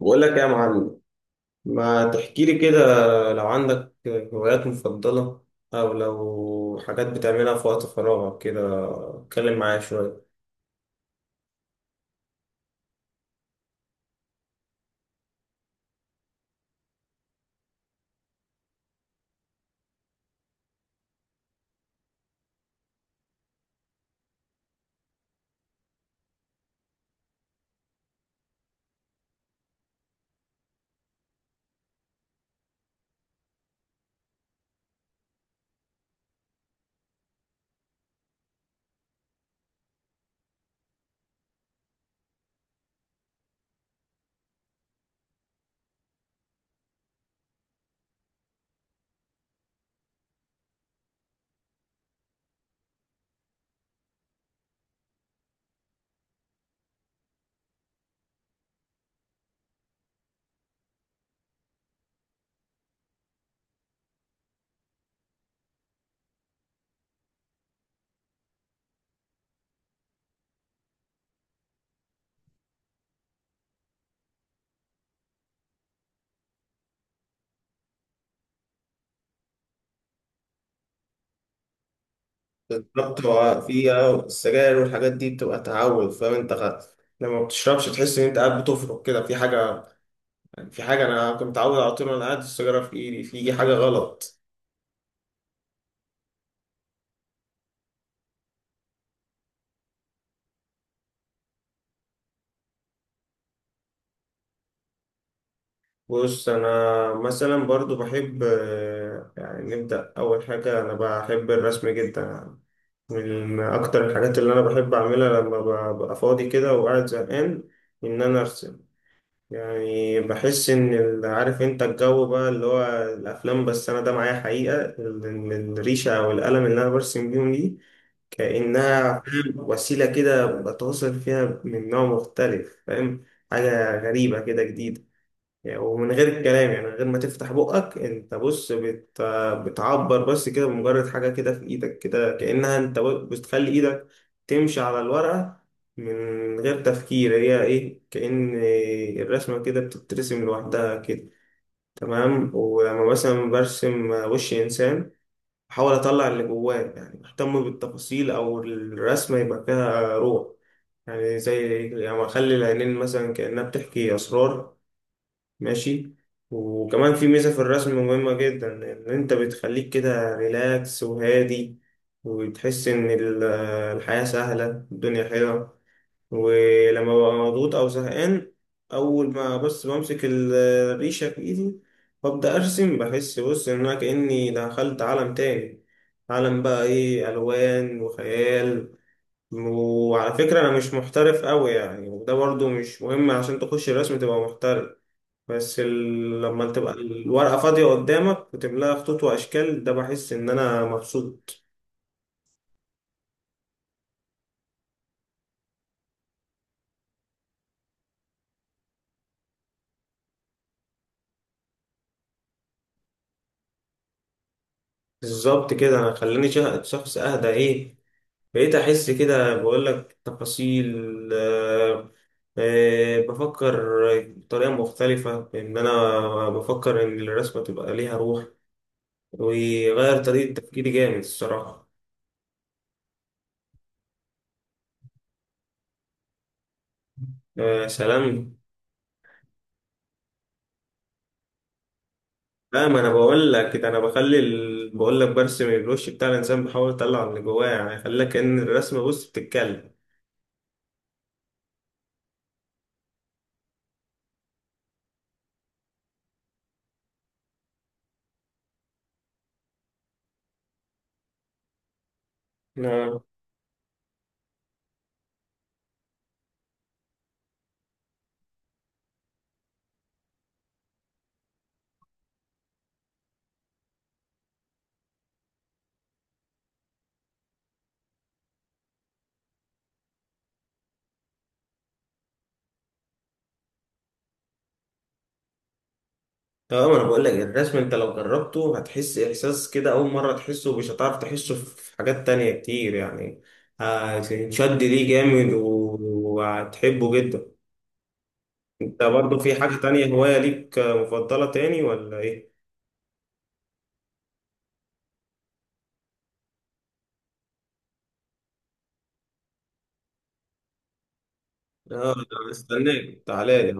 بقول لك يا معلم، ما تحكي لي كده؟ لو عندك هوايات مفضلة أو لو حاجات بتعملها في وقت فراغك كده، اتكلم معايا شوية. بالظبط، هو في السجاير والحاجات دي بتبقى تعود، فاهم انت؟ لما بتشربش تحس إن أنت قاعد بتفرك كده في حاجة. في حاجة أنا كنت متعود على طول وأنا قاعد السيجارة في إيدي، في حاجة غلط. بص، أنا مثلا برضو بحب، يعني نبدأ، أول حاجة أنا بحب الرسم جدا، من أكتر الحاجات اللي أنا بحب أعملها لما ببقى فاضي كده وقاعد زهقان، إن أنا أرسم. يعني بحس إن عارف أنت الجو بقى اللي هو الأفلام، بس أنا ده معايا حقيقة، الريشة أو القلم اللي أنا برسم بيهم دي كأنها، فاهم، وسيلة كده بتواصل فيها من نوع مختلف، فاهم. حاجة غريبة كده جديدة. يعني ومن غير الكلام، يعني من غير ما تفتح بقك انت، بص بتعبر بس كده بمجرد حاجة كده في ايدك، كده كأنها انت بتخلي ايدك تمشي على الورقة من غير تفكير، هي ايه، كأن الرسمة كده بتترسم لوحدها كده. تمام، ولما مثلا برسم وش انسان بحاول اطلع اللي جواه، يعني بهتم بالتفاصيل او الرسمة يبقى فيها روح، يعني زي يعني اخلي العينين مثلا كأنها بتحكي اسرار. ماشي. وكمان في ميزة في الرسم مهمة جدا، إن أنت بتخليك كده ريلاكس وهادي، وتحس إن الحياة سهلة، الدنيا حلوة. ولما ببقى مضغوط أو زهقان، أول ما بس بمسك الريشة في إيدي وأبدأ أرسم، بحس، بص، إن أنا كأني دخلت عالم تاني، عالم بقى إيه، ألوان وخيال. وعلى فكرة أنا مش محترف أوي يعني، وده برضو مش مهم عشان تخش الرسم تبقى محترف. بس لما تبقى الورقة فاضية قدامك وتملاها خطوط وأشكال، ده بحس إن أنا مبسوط. بالظبط كده، أنا خلاني شخص أهدى، إيه، بقيت أحس كده، بقول لك تفاصيل. آه. آه، بفكر بطريقة مختلفة، إن أنا بفكر إن الرسمة تبقى ليها روح، ويغير طريقة تفكيري جامد الصراحة. آه سلام. لا، ما انا بقول لك ده، انا بخلي بقول لك برسم الوش بتاع الانسان، بحاول اطلع اللي جواه، يعني خلي كأن الرسمه، بص، بتتكلم. اه. اه، ما انا بقول لك الرسم انت لو جربته هتحس احساس كده اول مره تحسه، مش هتعرف تحسه في حاجات تانية كتير يعني. هتنشد ليه جامد وهتحبه جدا. انت برضو في حاجه تانية، هوايه ليك مفضله تاني ولا ايه؟ اه، أنا استناك، تعالى لي.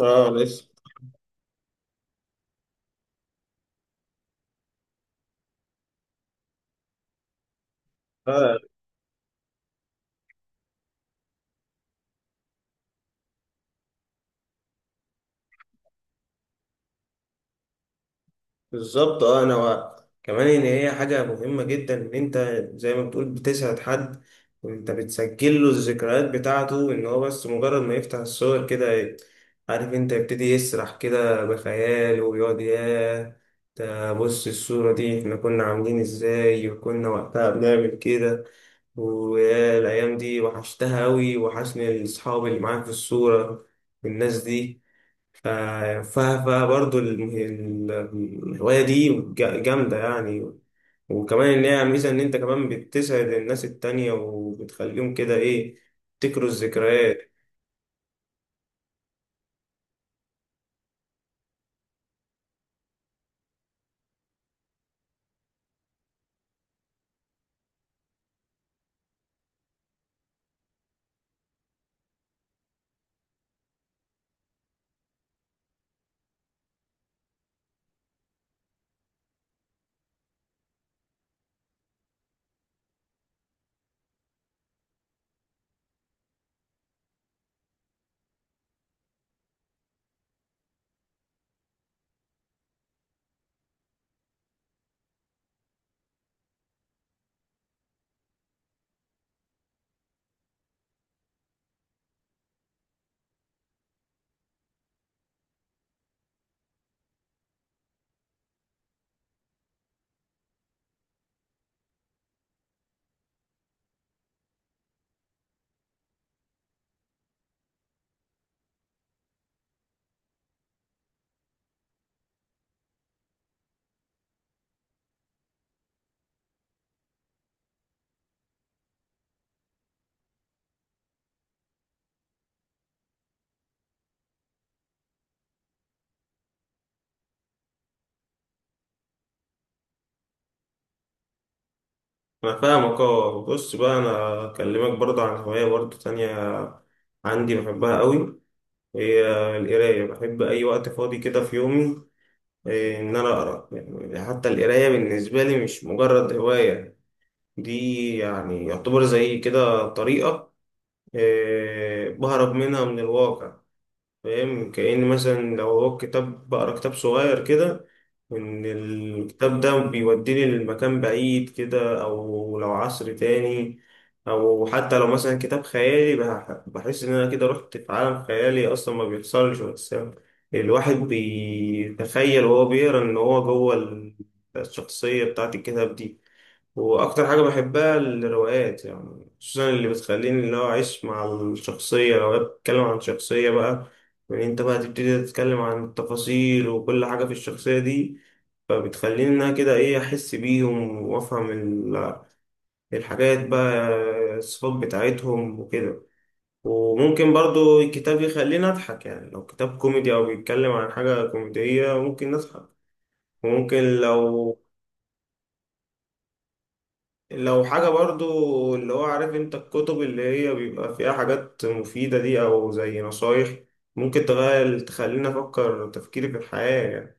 اه لسه. بالظبط. اه، انا كمان ان هي حاجه مهمه جدا، ان انت زي ما بتقول بتسعد حد، وانت بتسجل له الذكريات بتاعته، ان هو بس مجرد ما يفتح الصور كده عارف انت، يبتدي يسرح كده بخياله ويقعد ياه، ده بص الصوره دي احنا كنا عاملين ازاي وكنا وقتها بنعمل كده، ويا الأيام دي وحشتها أوي، وحشني الأصحاب اللي معاك في الصورة والناس دي. ف- ف- فبرضه الم- ال- الهواية دي جامدة يعني. وكمان إن هي ميزة إن أنت كمان بتسعد الناس التانية وبتخليهم كده إيه، تفتكروا الذكريات. أنا فاهمك. أه، بص بقى، أنا أكلمك برضه عن هواية برضه تانية عندي بحبها قوي، هي القراية. بحب أي وقت فاضي كده في يومي، إن أنا أقرأ. يعني حتى القراية بالنسبة لي مش مجرد هواية، دي يعني يعتبر زي كده طريقة بهرب منها من الواقع. فاهم، كأن مثلا لو هو كتاب، بقرا كتاب صغير كده، إن الكتاب ده بيوديني لمكان بعيد كده أو لو عصر تاني. أو حتى لو مثلا كتاب خيالي، بحس إن أنا كده رحت في عالم خيالي أصلا ما بيحصلش، بس الواحد بيتخيل وهو بيقرا إن هو جوه الشخصية بتاعت الكتاب دي. واكتر حاجه بحبها الروايات يعني، خصوصا اللي بتخليني اللي هو اعيش مع الشخصيه، لو هي بتتكلم عن شخصيه بقى، يعني انت بقى تبتدي تتكلم عن التفاصيل وكل حاجه في الشخصيه دي، فبتخليني انها كده ايه، احس بيهم وافهم الحاجات بقى، الصفات بتاعتهم وكده. وممكن برضو الكتاب يخليني اضحك، يعني لو كتاب كوميدي او بيتكلم عن حاجه كوميديه ممكن نضحك. وممكن لو، لو حاجة برضو اللي هو عارف انت، الكتب اللي هي بيبقى فيها حاجات مفيدة دي او زي نصايح، ممكن تغير تخليني افكر تفكيري في الحياة يعني.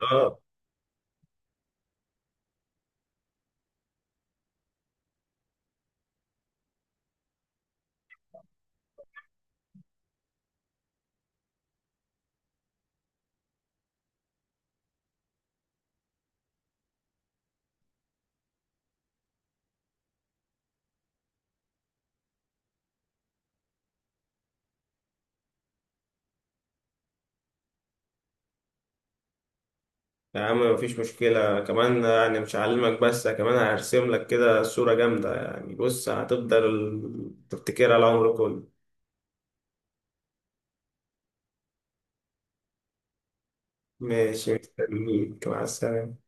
اه، يا عم مفيش مشكلة، كمان يعني مش هعلمك بس كمان هرسم لك كده صورة جامدة، يعني بص هتفضل تفتكرها العمر كله. ماشي مستنيك، مع السلامة.